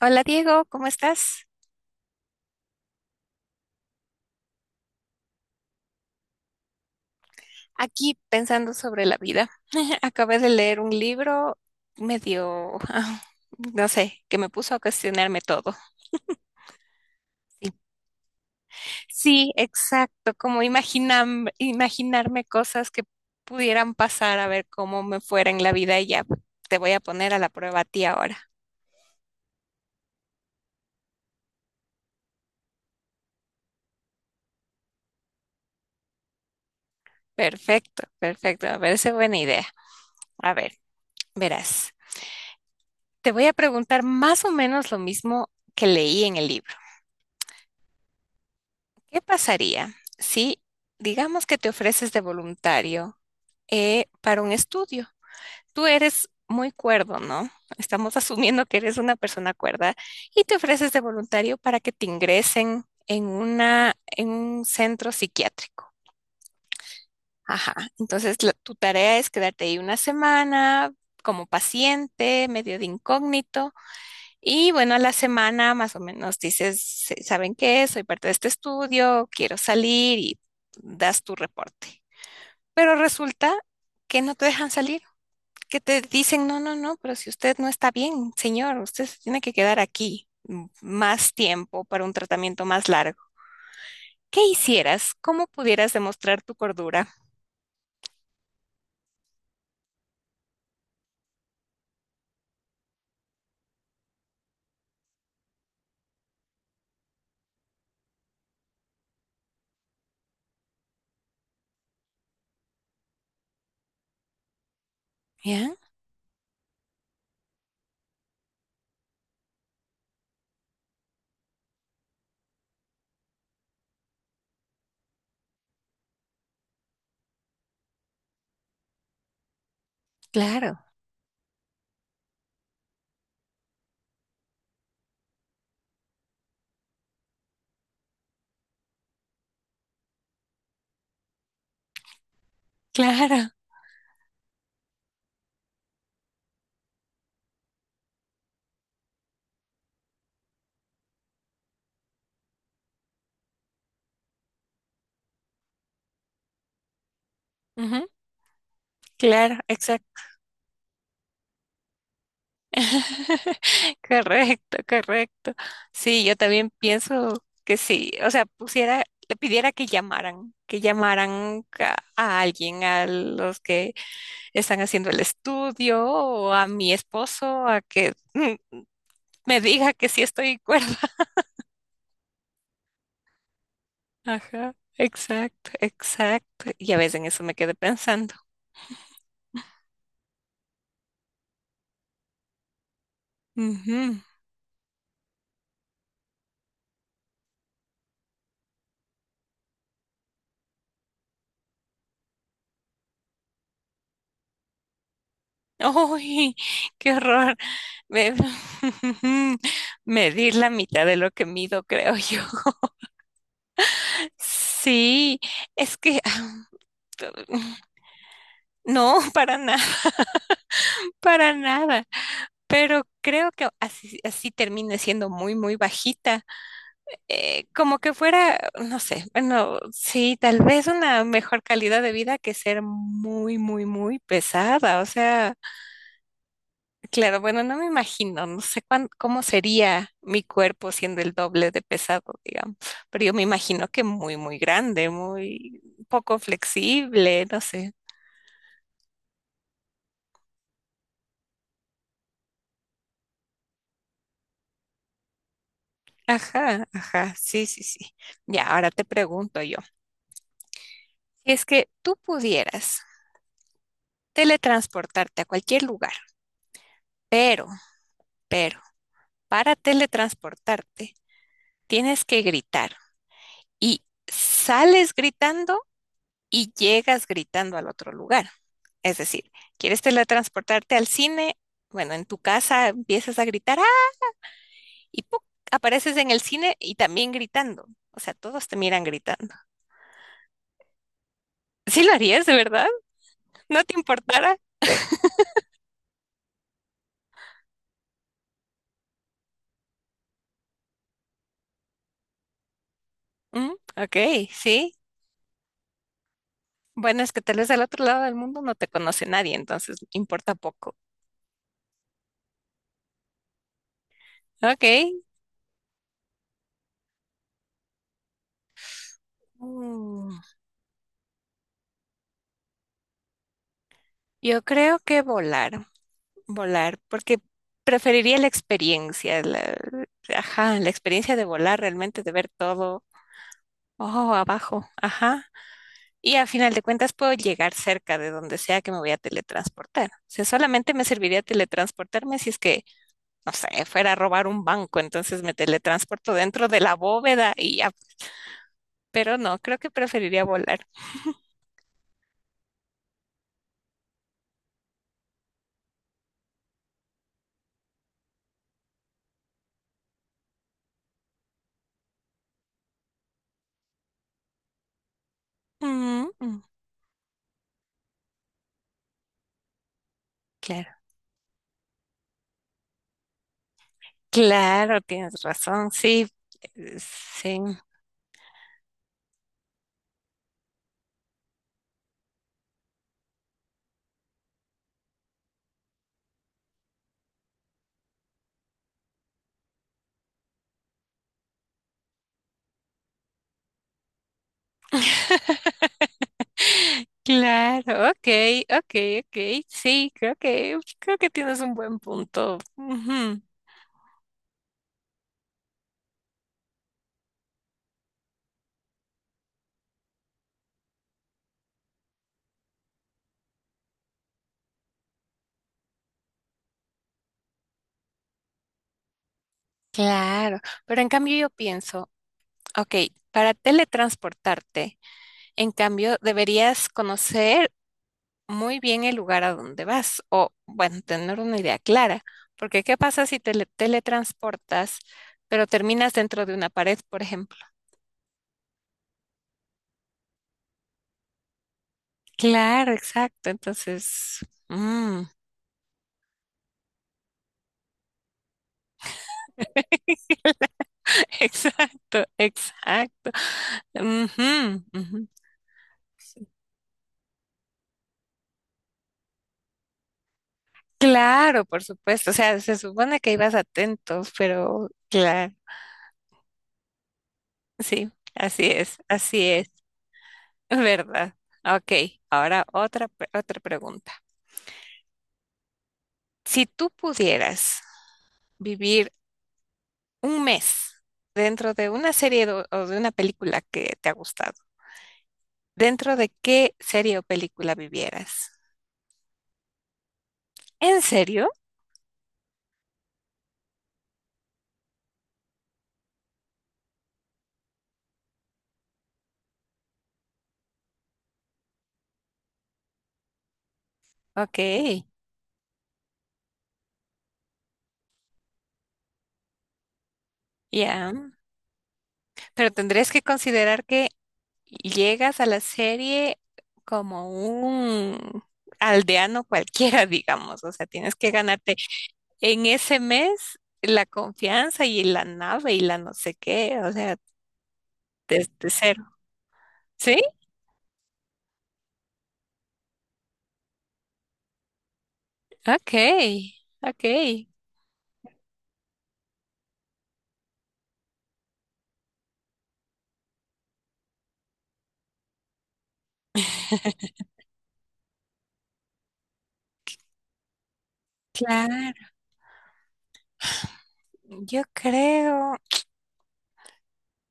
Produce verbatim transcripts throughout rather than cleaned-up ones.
Hola Diego, ¿cómo estás? Aquí pensando sobre la vida. Acabé de leer un libro medio, no sé, que me puso a cuestionarme todo. Sí, sí, exacto, como imaginam- imaginarme cosas que pudieran pasar a ver cómo me fuera en la vida y ya te voy a poner a la prueba a ti ahora. Perfecto, perfecto, me parece buena idea. A ver, verás, te voy a preguntar más o menos lo mismo que leí en el libro. ¿Qué pasaría si, digamos que te ofreces de voluntario eh, para un estudio? Tú eres muy cuerdo, ¿no? Estamos asumiendo que eres una persona cuerda y te ofreces de voluntario para que te ingresen en una, en un centro psiquiátrico. Ajá. Entonces, la- tu tarea es quedarte ahí una semana como paciente, medio de incógnito, y bueno, a la semana más o menos dices, "Se- ¿saben qué? Soy parte de este estudio, quiero salir y das tu reporte. Pero resulta que no te dejan salir, que te dicen, no, no, no, pero si usted no está bien, señor, usted se tiene que quedar aquí mm, más tiempo para un tratamiento más largo. ¿Qué hicieras? ¿Cómo pudieras demostrar tu cordura? ¿Ya? Claro, claro, ujú, claro, exacto. Correcto, correcto. Sí, yo también pienso que sí. O sea, pusiera, le pidiera que llamaran, que llamaran a, a alguien, a los que están haciendo el estudio, o a mi esposo, a que mm, me diga que sí estoy cuerda. Ajá, exacto, exacto. Y a veces en eso me quedé pensando. Ujú. ¡Uy! ¡Qué horror! Me, medir la mitad de lo que mido, creo yo. Sí, es que no, para nada, para nada. Pero creo que así, así termine siendo muy, muy bajita. Eh, como que fuera, no sé, bueno, sí, tal vez una mejor calidad de vida que ser muy, muy, muy pesada. O sea, claro, bueno, no me imagino, no sé cuán- cómo sería mi cuerpo siendo el doble de pesado, digamos. Pero yo me imagino que muy, muy grande, muy poco flexible, no sé. Ajá, ajá, sí, sí, sí. Ya, ahora te pregunto yo, si es que tú pudieras teletransportarte a cualquier lugar, pero, pero, para teletransportarte tienes que gritar y sales gritando y llegas gritando al otro lugar. Es decir, quieres teletransportarte al cine, bueno, en tu casa empiezas a gritar, ¡ah! Y ¡puc! Apareces en el cine y también gritando. O sea, todos te miran gritando. ¿Sí lo harías, de verdad? ¿No te importara? Mm, ok, sí. Bueno, es que tal vez al otro lado del mundo no te conoce nadie, entonces importa poco. Ok. Mm, yo creo que volar, volar, porque preferiría la experiencia, la, ajá, la experiencia de volar realmente, de ver todo, ojo, abajo, ajá. Y a final de cuentas puedo llegar cerca de donde sea que me voy a teletransportar. O sea, solamente me serviría teletransportarme si es que no sé, fuera a robar un banco, entonces me teletransporto dentro de la bóveda y ya, pero no, creo que preferiría volar. Mm, mm, claro, claro, tienes razón, sí, eh, sí, claro, ok, ok, ok, sí, creo que, creo que tienes un buen punto. Ujú. Claro, pero en cambio yo pienso, ok, para teletransportarte, en cambio deberías conocer muy bien el lugar a donde vas o, bueno, tener una idea clara, porque ¿qué pasa si te le- teletransportas, pero terminas dentro de una pared, por ejemplo? Claro, exacto. Entonces, mm, exacto, exacto. Ujú, ujú. Claro, por supuesto. O sea, se supone que ibas atentos, pero claro, sí, así es, así es, ¿verdad? Ok, ahora otra, pre- otra pregunta. Si tú pudieras vivir un mes dentro de una serie do- o de una película que te ha gustado, ¿dentro de qué serie o película vivieras? ¿En serio? Ok, ya. Pero tendrías que considerar que llegas a la serie como un aldeano cualquiera, digamos. O sea, tienes que ganarte en ese mes la confianza y la nave y la no sé qué. O sea, desde cero. ¿Sí? Ok, ok. Claro. Yo creo,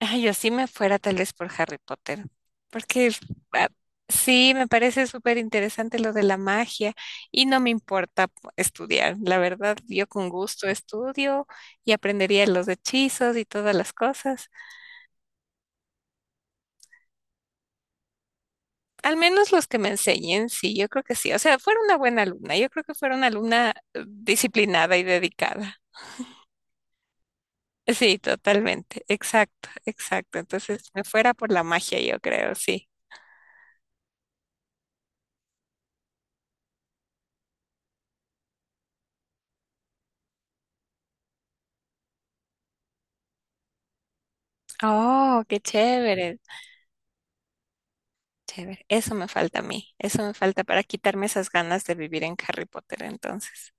ay, yo sí me fuera tal vez por Harry Potter, porque ah, sí, me parece súper interesante lo de la magia y no me importa po- estudiar. La verdad, yo con gusto estudio y aprendería los hechizos y todas las cosas. Al menos los que me enseñen, sí, yo creo que sí. O sea, fuera una buena alumna. Yo creo que fuera una alumna eh, disciplinada y dedicada. Sí, totalmente. Exacto, exacto. Entonces, me fuera por la magia, yo creo, sí. Oh, qué chévere, chévere. Eso me falta a mí. Eso me falta para quitarme esas ganas de vivir en Harry Potter, entonces.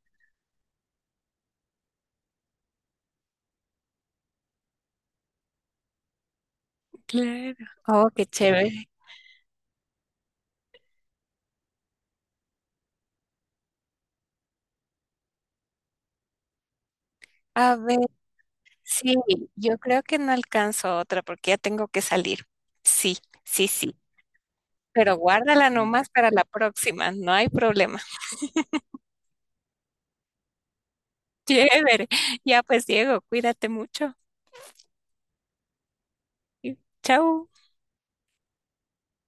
Claro. Oh, qué chévere. A ver, sí, yo creo que no alcanzo otra porque ya tengo que salir. Sí, sí, sí. Pero guárdala nomás para la próxima, no hay problema. Chévere. Ya pues, Diego, cuídate mucho. Y chao.